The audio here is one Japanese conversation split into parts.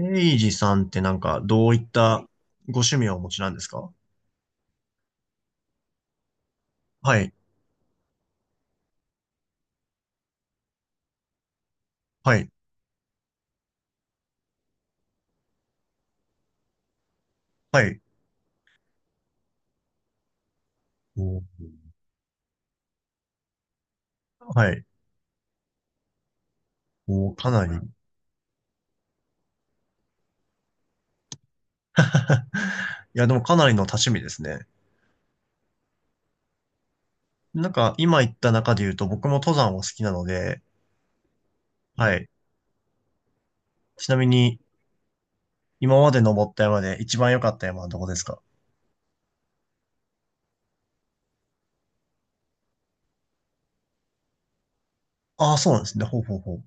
エイジさんってなんかどういったご趣味をお持ちなんですか？はい、はい、はい、おー、はい、おー、かなり。いや、でもかなりの多趣味ですね。なんか今言った中で言うと僕も登山を好きなので、はい。ちなみに今まで登った山で一番良かった山はどこですか？ああー、そうなんですね。ほうほうほう。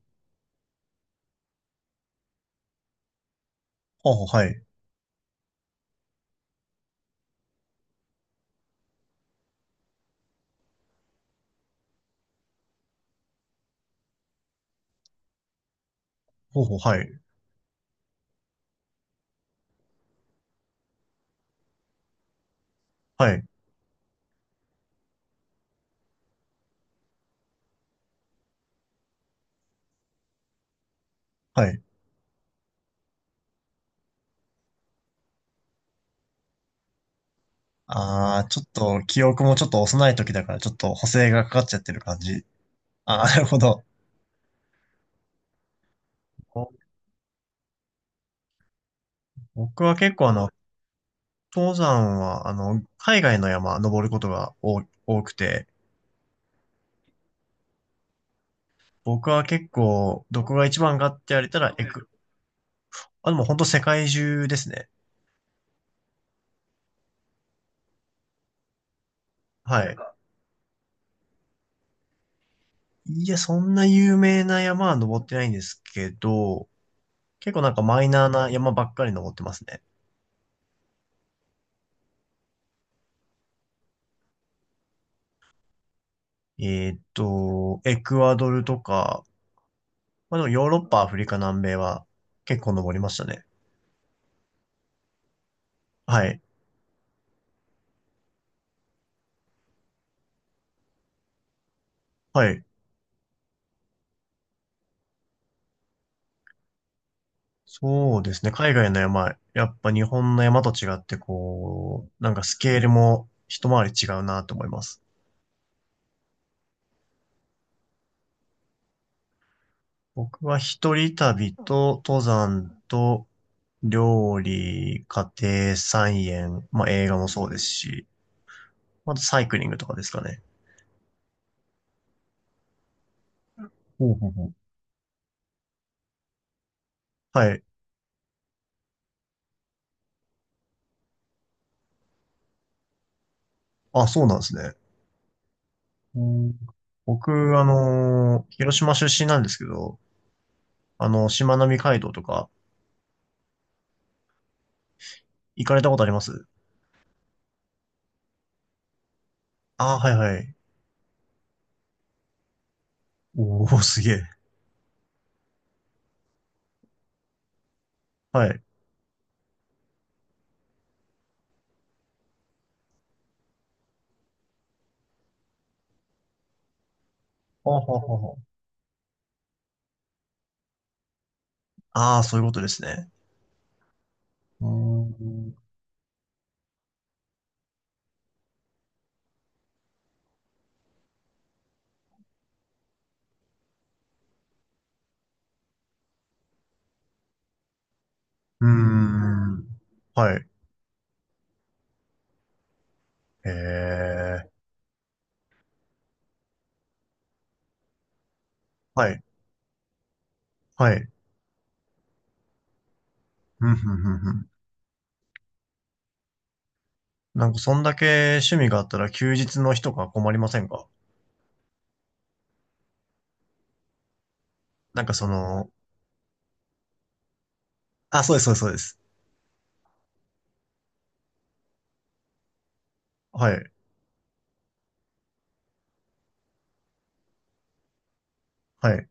ほうほう、はい。ほうほう、はい。はい、はい。ああ、ちょっと記憶もちょっと幼い時だからちょっと補正がかかっちゃってる感じ。ああ、なるほど。僕は結構登山は海外の山登ることが多くて、僕は結構、どこが一番かって言われたら、あ、でも本当世界中ですね。はい。いや、そんな有名な山は登ってないんですけど、結構なんかマイナーな山ばっかり登ってますね。エクアドルとか、まあでもヨーロッパ、アフリカ、南米は結構登りましたね。はい。はい。そうですね。海外の山、やっぱ日本の山と違って、こう、なんかスケールも一回り違うなと思います。僕は一人旅と登山と料理、家庭菜園、まあ映画もそうですし、あとサイクリングとかですかね。ほうほうほう。はい。あ、そうなんですね。うん。僕、広島出身なんですけど、あの、しまなみ海道とか行かれたことあります？あ、はいはい。おー、すげえ。はい。ほうほうほうほう。ああ、そういうことですね。うーん。うーん。はい。ええ。はい。はい。ふん、ふんふんふん。なんか、そんだけ趣味があったら休日の日とか困りませんか？なんかその、あ、そうです、そうです、そうです。はい。はい。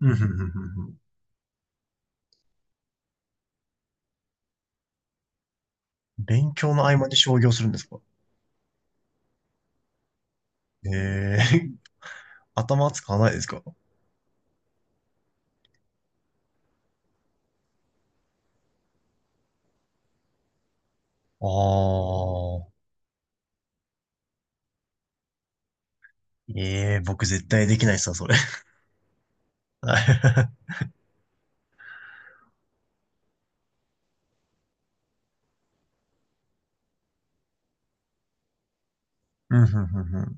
うん、ふんふんふんふん。勉強の合間に商業するんですか？ええ。頭使わないですか？ああ。ええ、僕絶対できないっすわ、それ。はい。うん、ふんふんふん。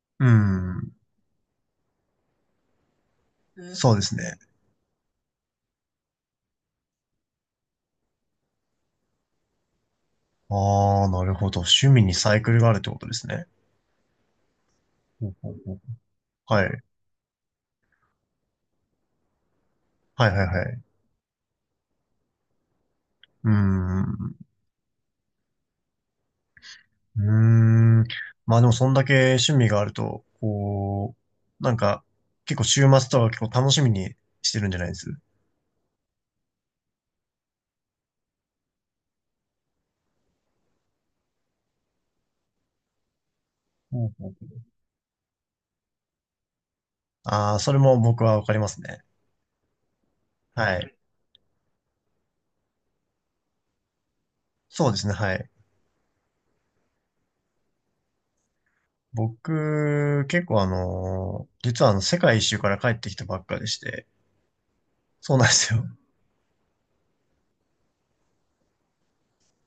うん。そうですね。ああ、なるほど。趣味にサイクルがあるってことですね。ほうほうほう。はい。はいはいはい。うーん。うーん。まあでもそんだけ趣味があると、こう、なんか、結構週末とか結構楽しみにしてるんじゃないです？ほうほう。ああー、それも僕はわかりますね。はい。そうですね、はい。僕、結構実は世界一周から帰ってきたばっかでして、そうなんですよ。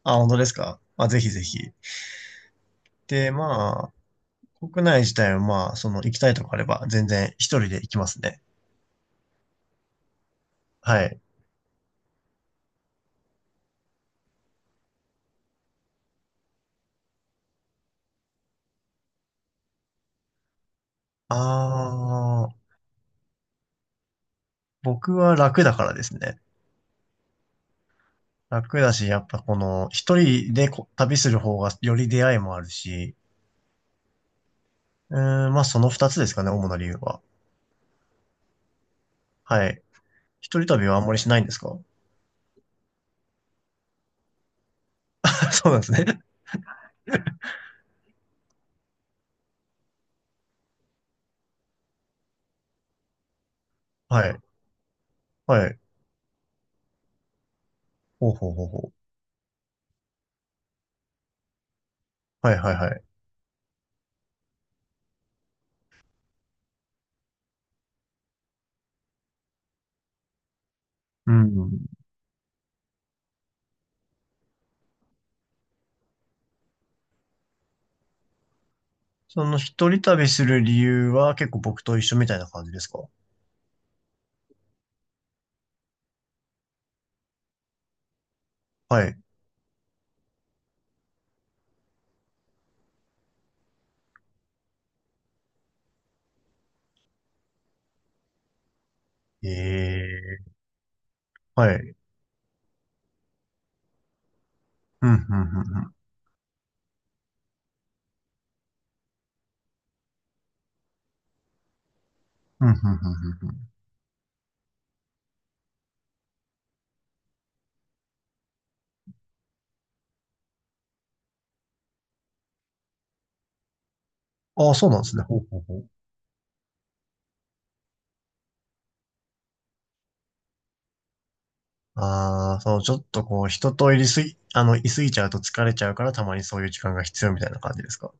あ、本当ですか？まあ、ぜひぜひ。で、国内自体はまあ、その行きたいとこあれば全然一人で行きますね。はい。ああ、僕は楽だからですね。楽だし、やっぱこの一人で旅する方がより出会いもあるし、うーん、まあその二つですかね、主な理由は。はい。一人旅はあんまりしないんですか？ そうなんですね。はい。はい。ほうほうほうほう。はいはいはい。うん。その一人旅する理由は結構僕と一緒みたいな感じですか？はい。ええ。はい。うん、うん、うん、うん。うん、うん、うんうんうん。ああ、そうなんですね。ほうほうほう。ああ、そう、ちょっとこう、人といすぎちゃうと疲れちゃうから、たまにそういう時間が必要みたいな感じですか。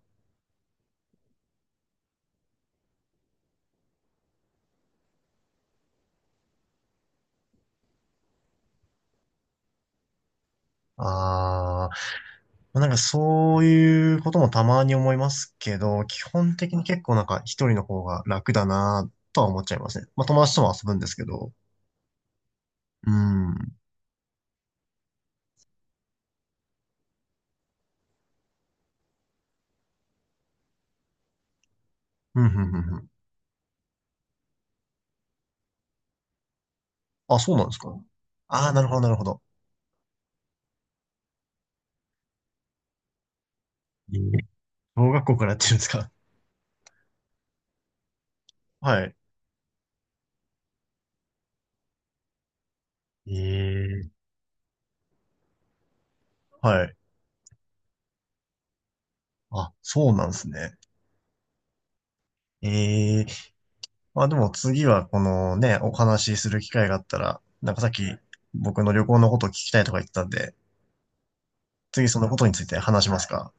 ああ、なんかそういうこともたまに思いますけど、基本的に結構なんか一人の方が楽だなとは思っちゃいますね。まあ友達とも遊ぶんですけど。うん。うん、うん、うん、うん。あ、そうなんですか。ああ、なるほど、なるほど。ええ。小学校からやってるんですか。はい。ええ。はい。あ、そうなんですね。ええ。まあでも次はこのね、お話しする機会があったら、なんかさっき僕の旅行のことを聞きたいとか言ってたんで、次そのことについて話しますか？